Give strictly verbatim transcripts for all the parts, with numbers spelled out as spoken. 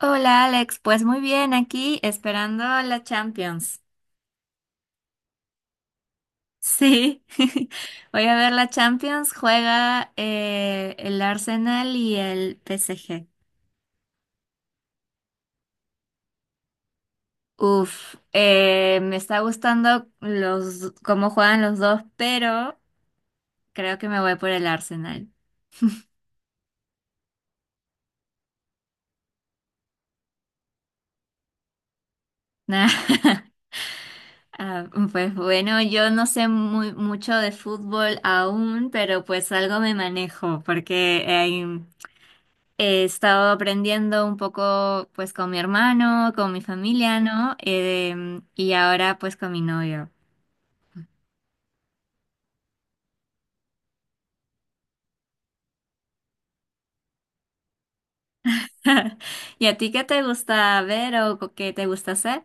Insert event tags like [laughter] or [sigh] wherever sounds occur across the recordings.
Hola Alex, pues muy bien, aquí esperando la Champions. Sí, [laughs] voy a ver la Champions, juega eh, el Arsenal y el P S G. Uf, eh, me está gustando los cómo juegan los dos, pero creo que me voy por el Arsenal. [laughs] Ah, pues bueno, yo no sé muy, mucho de fútbol aún, pero pues algo me manejo, porque he estado aprendiendo un poco pues con mi hermano, con mi familia, ¿no? Em, y ahora pues con mi novio. [laughs] ¿Y a ti qué te gusta ver o co- qué te gusta hacer?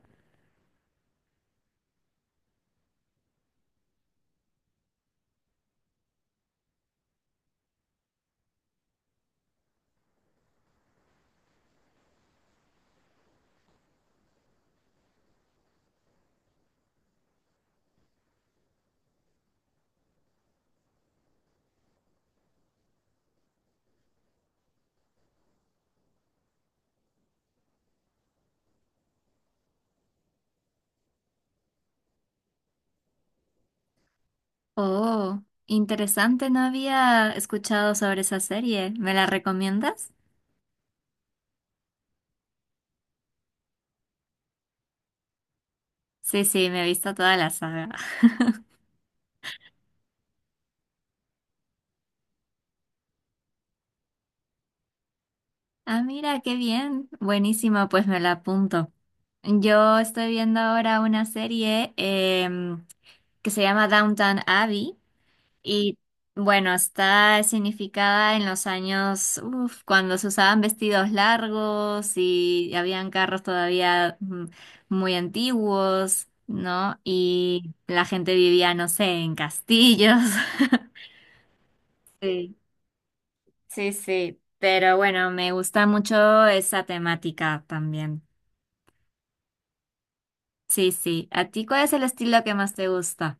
Oh, interesante, no había escuchado sobre esa serie. ¿Me la recomiendas? Sí, sí, me he visto toda la saga. [laughs] Ah, mira, qué bien. Buenísimo, pues me la apunto. Yo estoy viendo ahora una serie em, que se llama Downton Abbey. Y bueno, está significada en los años, uf, cuando se usaban vestidos largos y habían carros todavía mm, muy antiguos, ¿no? Y la gente vivía, no sé, en castillos. [laughs] Sí, sí, sí. Pero bueno, me gusta mucho esa temática también. Sí, sí. ¿A ti cuál es el estilo que más te gusta?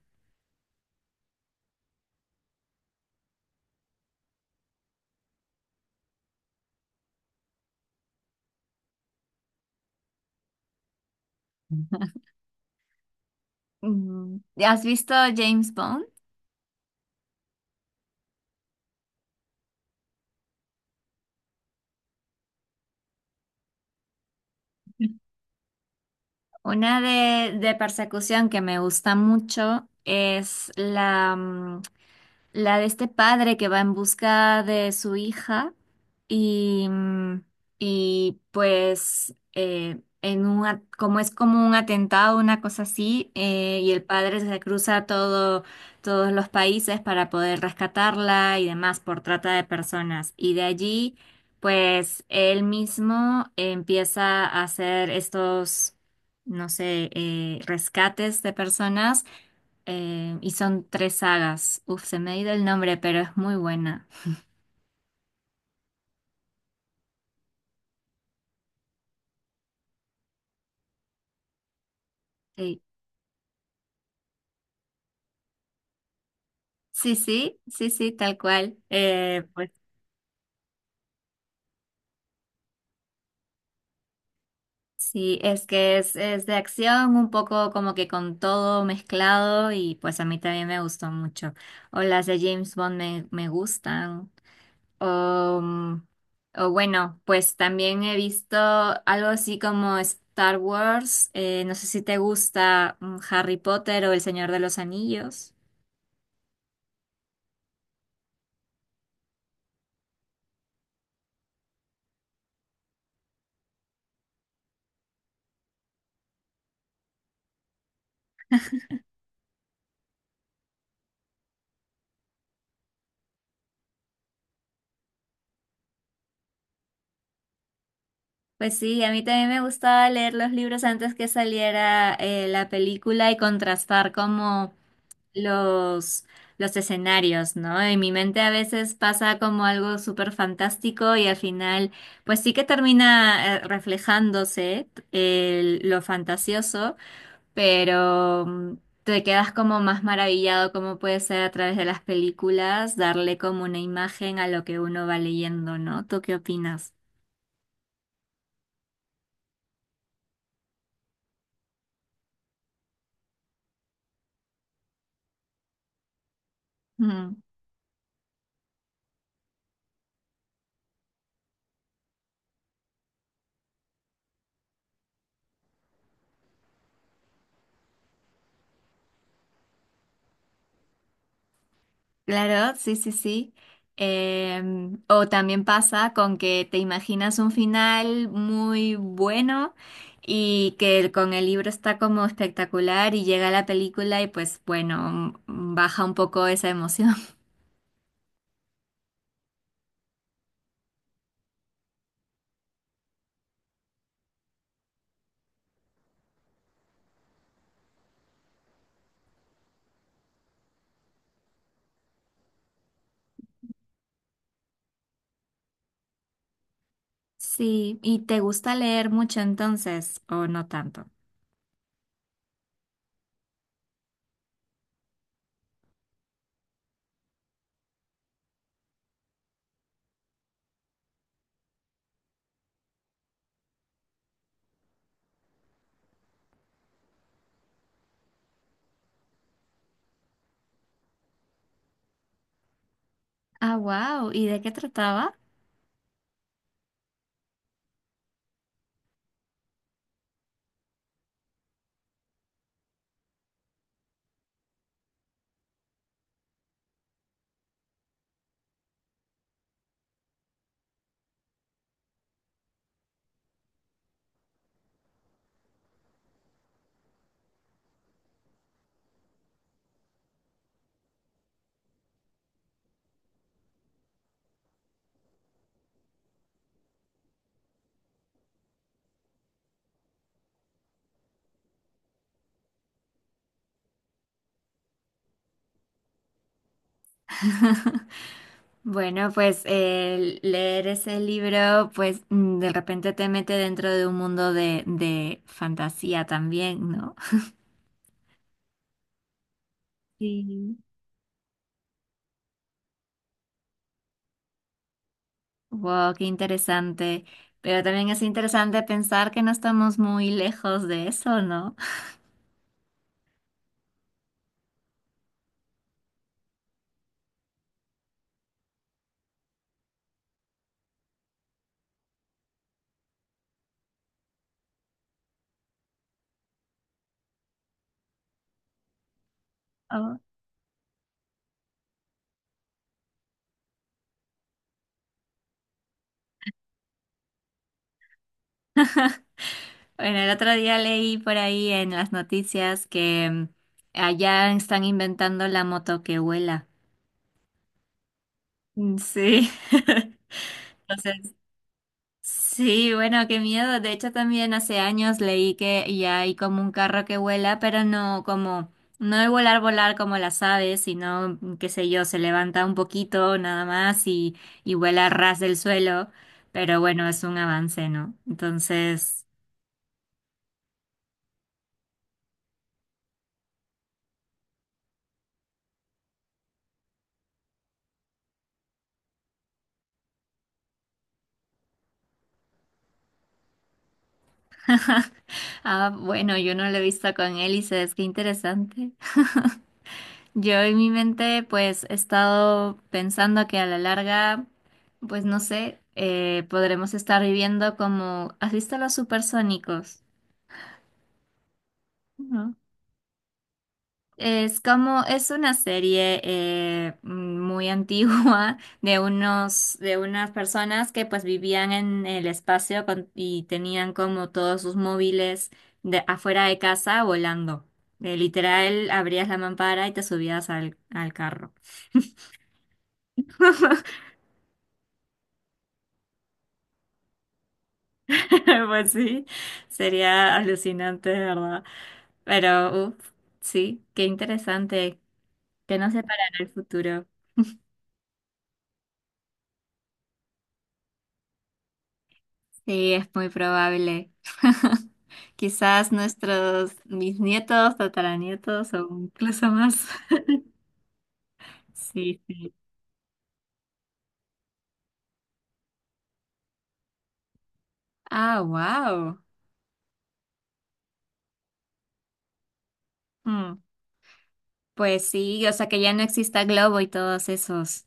[laughs] Mm, ¿has visto James Bond? Una de, de persecución que me gusta mucho es la, mm, la de este padre que va en busca de su hija y, mm, y pues eh, en un, at- como es como un atentado, una cosa así, eh, y el padre se cruza todo, todos los países para poder rescatarla y demás por trata de personas. Y de allí, pues él mismo empieza a hacer estos, no sé, eh, rescates de personas eh, y son tres sagas. Uf, se me ha ido el nombre, pero es muy buena. Sí, sí, sí, sí, sí, tal cual. Eh, pues sí, es que es, es de acción, un poco como que con todo mezclado y pues a mí también me gustó mucho. O las de James Bond me, me gustan. O, mm, o bueno, pues también he visto algo así como Star Wars. eh, no sé si te gusta mm, Harry Potter o El Señor de los Anillos. Pues sí, a mí también me gustaba leer los libros antes que saliera eh, la película y contrastar como los, los escenarios, ¿no? En mi mente a veces pasa como algo súper fantástico y al final, pues sí que termina eh, reflejándose el- lo fantasioso, pero mm, te quedas como más maravillado cómo puede ser a través de las películas darle como una imagen a lo que uno va leyendo, ¿no? ¿Tú qué opinas? Claro, sí, sí, sí. Em, o también pasa con que te imaginas un final muy bueno y que el- con el libro está como espectacular y llega la película y pues bueno, mm, baja un poco esa emoción. [laughs] Sí, ¿y te gusta leer mucho entonces o no tanto? Ah, wow, ¿y de qué trataba? [laughs] Bueno, pues el leer ese libro, pues mm, de repente te mete dentro de un mundo de, de fantasía también, ¿no? Sí. Wow, qué interesante. Pero también es interesante pensar que no estamos muy lejos de eso, ¿no? Oh. Bueno, el otro día leí por ahí en las noticias que mm, allá están inventando la moto que vuela. Mm, sí. [laughs] Entonces, sí, bueno, qué miedo. De hecho, también hace años leí que ya hay como un carro que vuela, pero no como, no de volar, volar como las aves, sino, qué sé yo, se levanta un poquito nada más y, y vuela a ras del suelo. Pero bueno, es un avance, ¿no? Entonces, ah, bueno, yo no lo he visto con hélices, qué interesante. Yo en mi mente pues he estado pensando que a la larga, pues no sé, eh, podremos estar viviendo como, ¿has visto Los Supersónicos? ¿No? Es como, es una serie eh, muy [laughs] antigua de unos, de unas personas que pues vivían en el espacio con- y tenían como todos sus móviles de, afuera de casa volando. Eh, literal, abrías la mampara y te subías al, al carro. [laughs] [laughs] Pues sí, sería alucinante, de verdad. Pero, uff, sí, qué interesante que nos separará el futuro. Sí, es muy probable. [laughs] Quizás nuestros, mis nietos, tataranietos o incluso más. [laughs] Sí, sí. Ah, wow. Pues sí, o sea que ya no exista Globo y todos esos.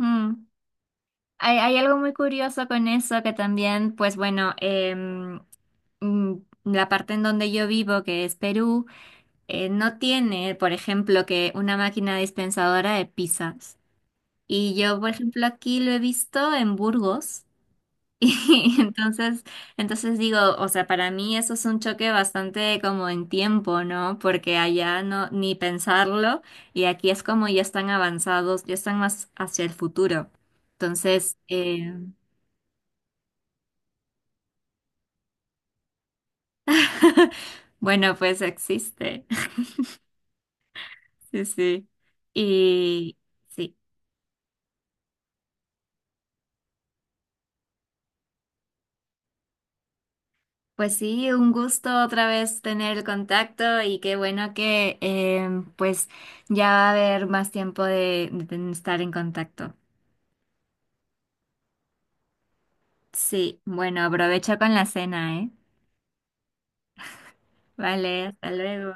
Mm. Hay, hay algo muy curioso con eso que también, pues bueno, em, mm, la parte en donde yo vivo, que es Perú, eh, no tiene, por ejemplo, que una máquina dispensadora de pizzas. Y yo, por ejemplo, aquí lo he visto en Burgos. [laughs] Y entonces, entonces digo, o sea, para mí eso es un choque bastante como en tiempo, ¿no? Porque allá no, ni pensarlo, y aquí es como ya están avanzados, ya están más hacia el futuro. Entonces, eh, [laughs] bueno, pues existe. [laughs] Sí, sí. Y sí. Pues sí, un gusto otra vez tener el contacto y qué bueno que em, pues ya va a haber más tiempo de, de estar en contacto. Sí, bueno, aprovecha con la cena, ¿eh? Vale, hasta luego.